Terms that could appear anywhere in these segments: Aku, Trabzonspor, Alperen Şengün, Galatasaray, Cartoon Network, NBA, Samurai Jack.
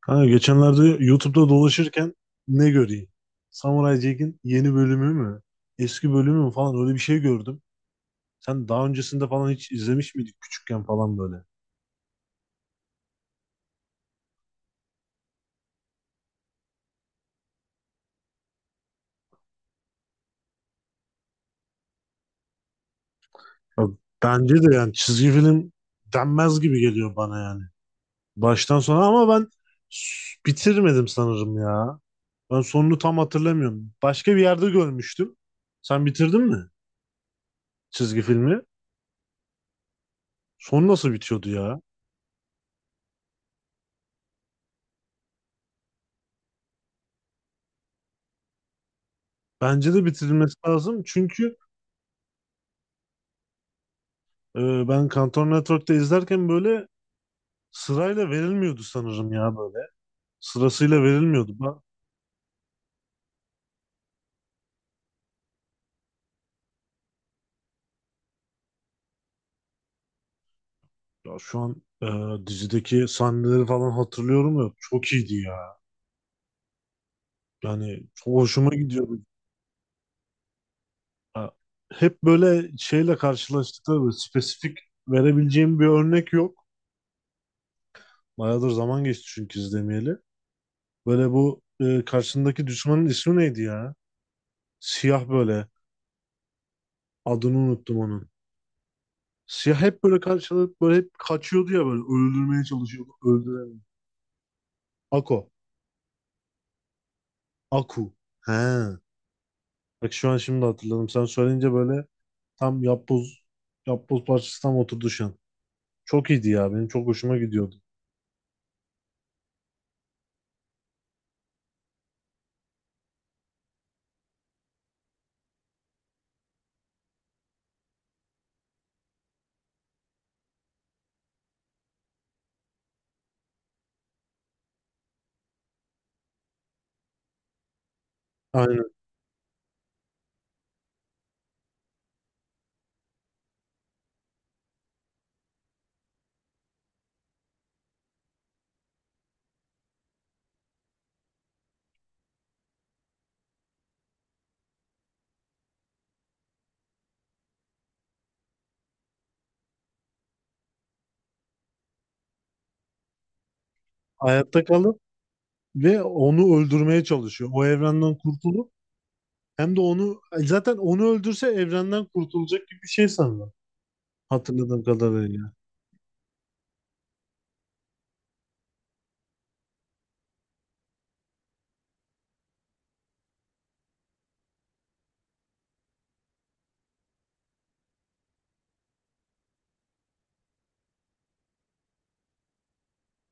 Kanka geçenlerde YouTube'da dolaşırken ne göreyim? Samurai Jack'in yeni bölümü mü? Eski bölümü mü falan öyle bir şey gördüm. Sen daha öncesinde falan hiç izlemiş miydik küçükken falan böyle? Ya bence de yani çizgi film denmez gibi geliyor bana yani. Baştan sona ama ben bitirmedim sanırım ya. Ben sonunu tam hatırlamıyorum. Başka bir yerde görmüştüm. Sen bitirdin mi çizgi filmi? Son nasıl bitiyordu ya? Bence de bitirilmesi lazım çünkü ben Kantor Network'te izlerken böyle sırayla verilmiyordu sanırım ya böyle. Sırasıyla verilmiyordu. Ben, ya şu an dizideki sahneleri falan hatırlıyorum ya çok iyiydi ya. Yani çok hoşuma gidiyordu. Ya, hep böyle şeyle karşılaştıkları böyle spesifik verebileceğim bir örnek yok. Bayağıdır zaman geçti çünkü izlemeyeli. Böyle bu karşındaki düşmanın ismi neydi ya? Siyah böyle. Adını unuttum onun. Siyah hep böyle karşılık böyle hep kaçıyordu ya böyle öldürmeye çalışıyordu. Öldüremedi. Ako. Aku. He. Bak şu an şimdi hatırladım. Sen söyleyince böyle tam yapboz parçası tam oturdu şu an. Çok iyiydi ya. Benim çok hoşuma gidiyordu. Aynen. Hayatta kalıp ve onu öldürmeye çalışıyor. O evrenden kurtulup hem de onu zaten öldürse evrenden kurtulacak gibi bir şey sanırım. Hatırladığım kadarıyla.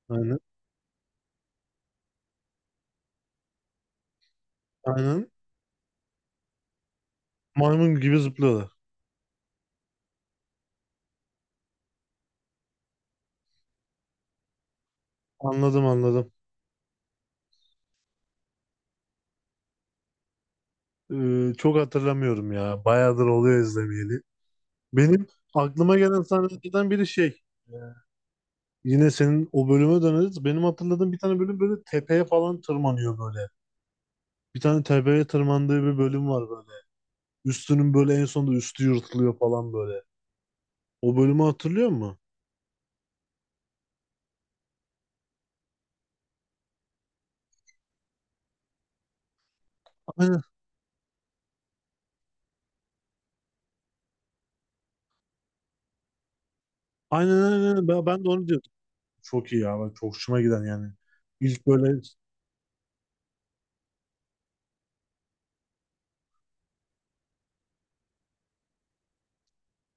Aynen. Aynen. Maymun gibi zıplıyorlar. Anladım. Çok hatırlamıyorum ya. Bayağıdır oluyor izlemeyeli. Benim aklıma gelen sahnelerden biri şey. e, Yine senin o bölüme döneriz. Benim hatırladığım bir tane bölüm böyle tepeye falan tırmanıyor böyle. Bir tane tepeye tırmandığı bir bölüm var böyle. Üstünün böyle en sonunda üstü yırtılıyor falan böyle. O bölümü hatırlıyor musun? Aynen. Ben de onu diyordum. Çok iyi ya. Bak, çok hoşuma giden yani. İlk böyle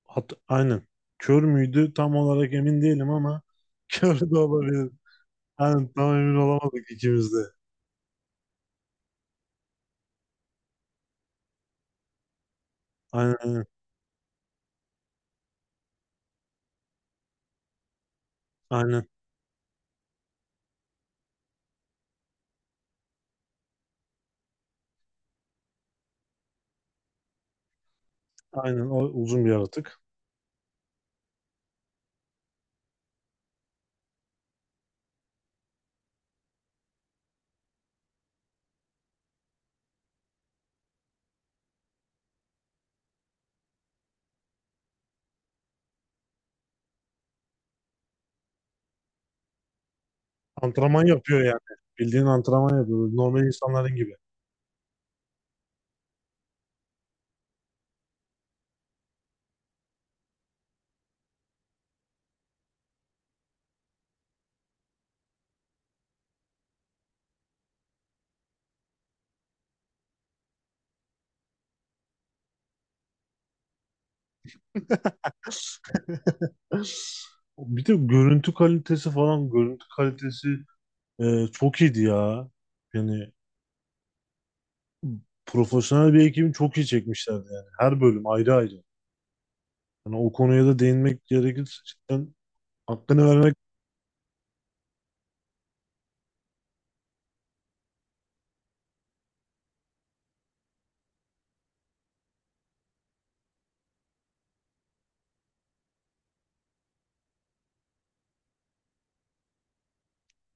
aynen. Kör müydü? Tam olarak emin değilim ama kör de olabilir. Aynen tam emin olamadık ikimiz de. Aynen. Aynen. Aynen. O uzun bir yaratık. Antrenman yapıyor yani. Bildiğin antrenman yapıyor. Böyle normal insanların gibi. Bir de görüntü kalitesi falan. Görüntü kalitesi çok iyiydi ya. Yani profesyonel bir ekibi çok iyi çekmişlerdi yani. Her bölüm ayrı ayrı. Yani o konuya da değinmek gerekirse cidden hakkını vermek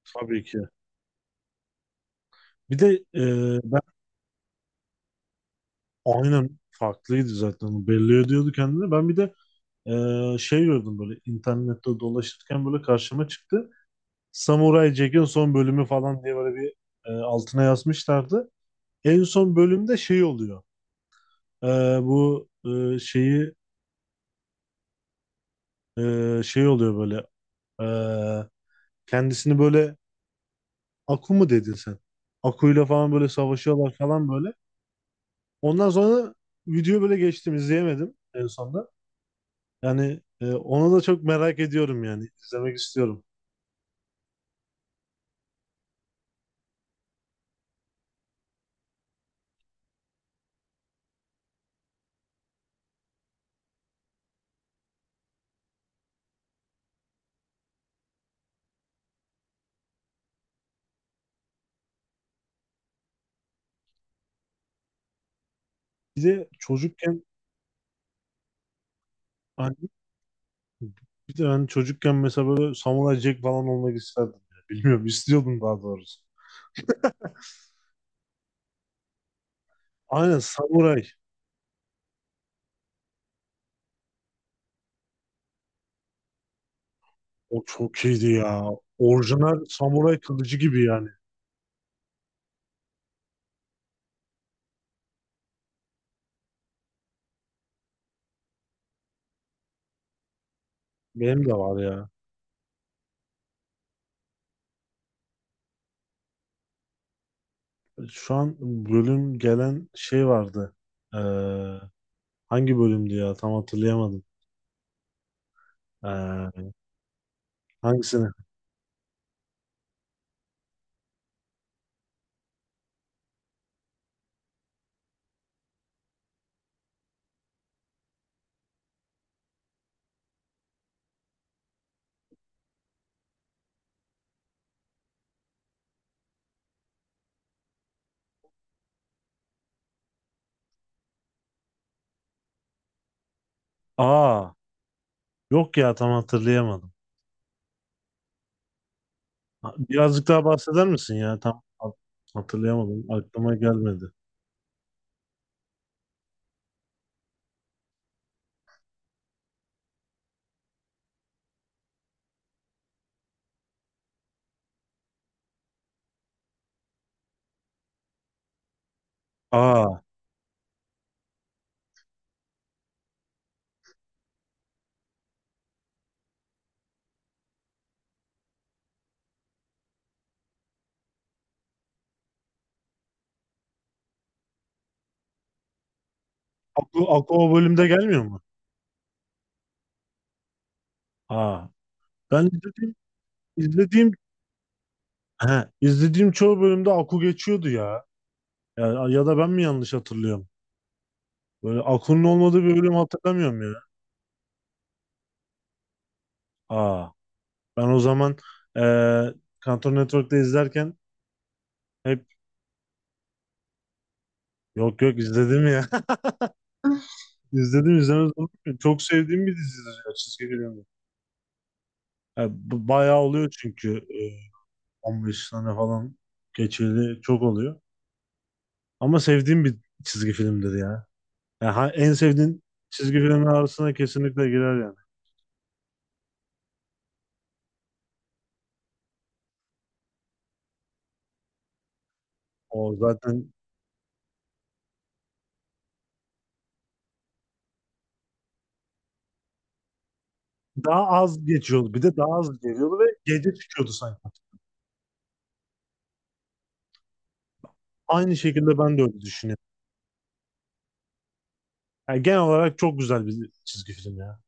tabii ki. Bir de ben aynen farklıydı zaten. Belli ediyordu kendini. Ben bir de şey gördüm böyle internette dolaşırken böyle karşıma çıktı. Samurai Jack'in son bölümü falan diye böyle bir altına yazmışlardı. En son bölümde şey oluyor. E, bu şeyi şey oluyor böyle e, kendisini böyle Aku mu dedin sen? Akuyla falan böyle savaşıyorlar falan böyle. Ondan sonra video böyle geçtim izleyemedim en sonunda. Yani onu da çok merak ediyorum yani izlemek istiyorum. Bir de çocukken hani, bir de hani çocukken mesela böyle Samuray Jack falan olmak isterdim. Ya. Bilmiyorum istiyordum daha doğrusu. Aynen Samuray. O çok iyiydi ya. Orijinal Samuray kılıcı gibi yani. Benim de var ya. Şu an bölüm gelen şey vardı. Ee, hangi bölümdü ya tam hatırlayamadım. Ee, hangisini? Aa, yok ya tam hatırlayamadım. Birazcık daha bahseder misin ya? Hatırlayamadım. Aklıma gelmedi. Aa, Aku, Aku o bölümde gelmiyor mu? Aa, ben izlediğim he, izlediğim çoğu bölümde Aku geçiyordu ya. Ya, ya da ben mi yanlış hatırlıyorum? Böyle Aku'nun olmadığı bir bölüm hatırlamıyorum ya. Aa, ben o zaman eee Cartoon Network'te izlerken hep yok izledim ya. İzledim, izlemez olur muyum? Çok sevdiğim bir dizidir ya çizgi film. Yani bu bayağı oluyor çünkü 15 tane falan geçeli çok oluyor. Ama sevdiğim bir çizgi filmdir ya. Yani en sevdiğin çizgi filmler arasına kesinlikle girer yani. O zaten daha az geçiyordu. Bir de daha az geliyordu ve gece çıkıyordu sanki. Aynı şekilde ben de öyle düşünüyorum. Yani genel olarak çok güzel bir çizgi film ya.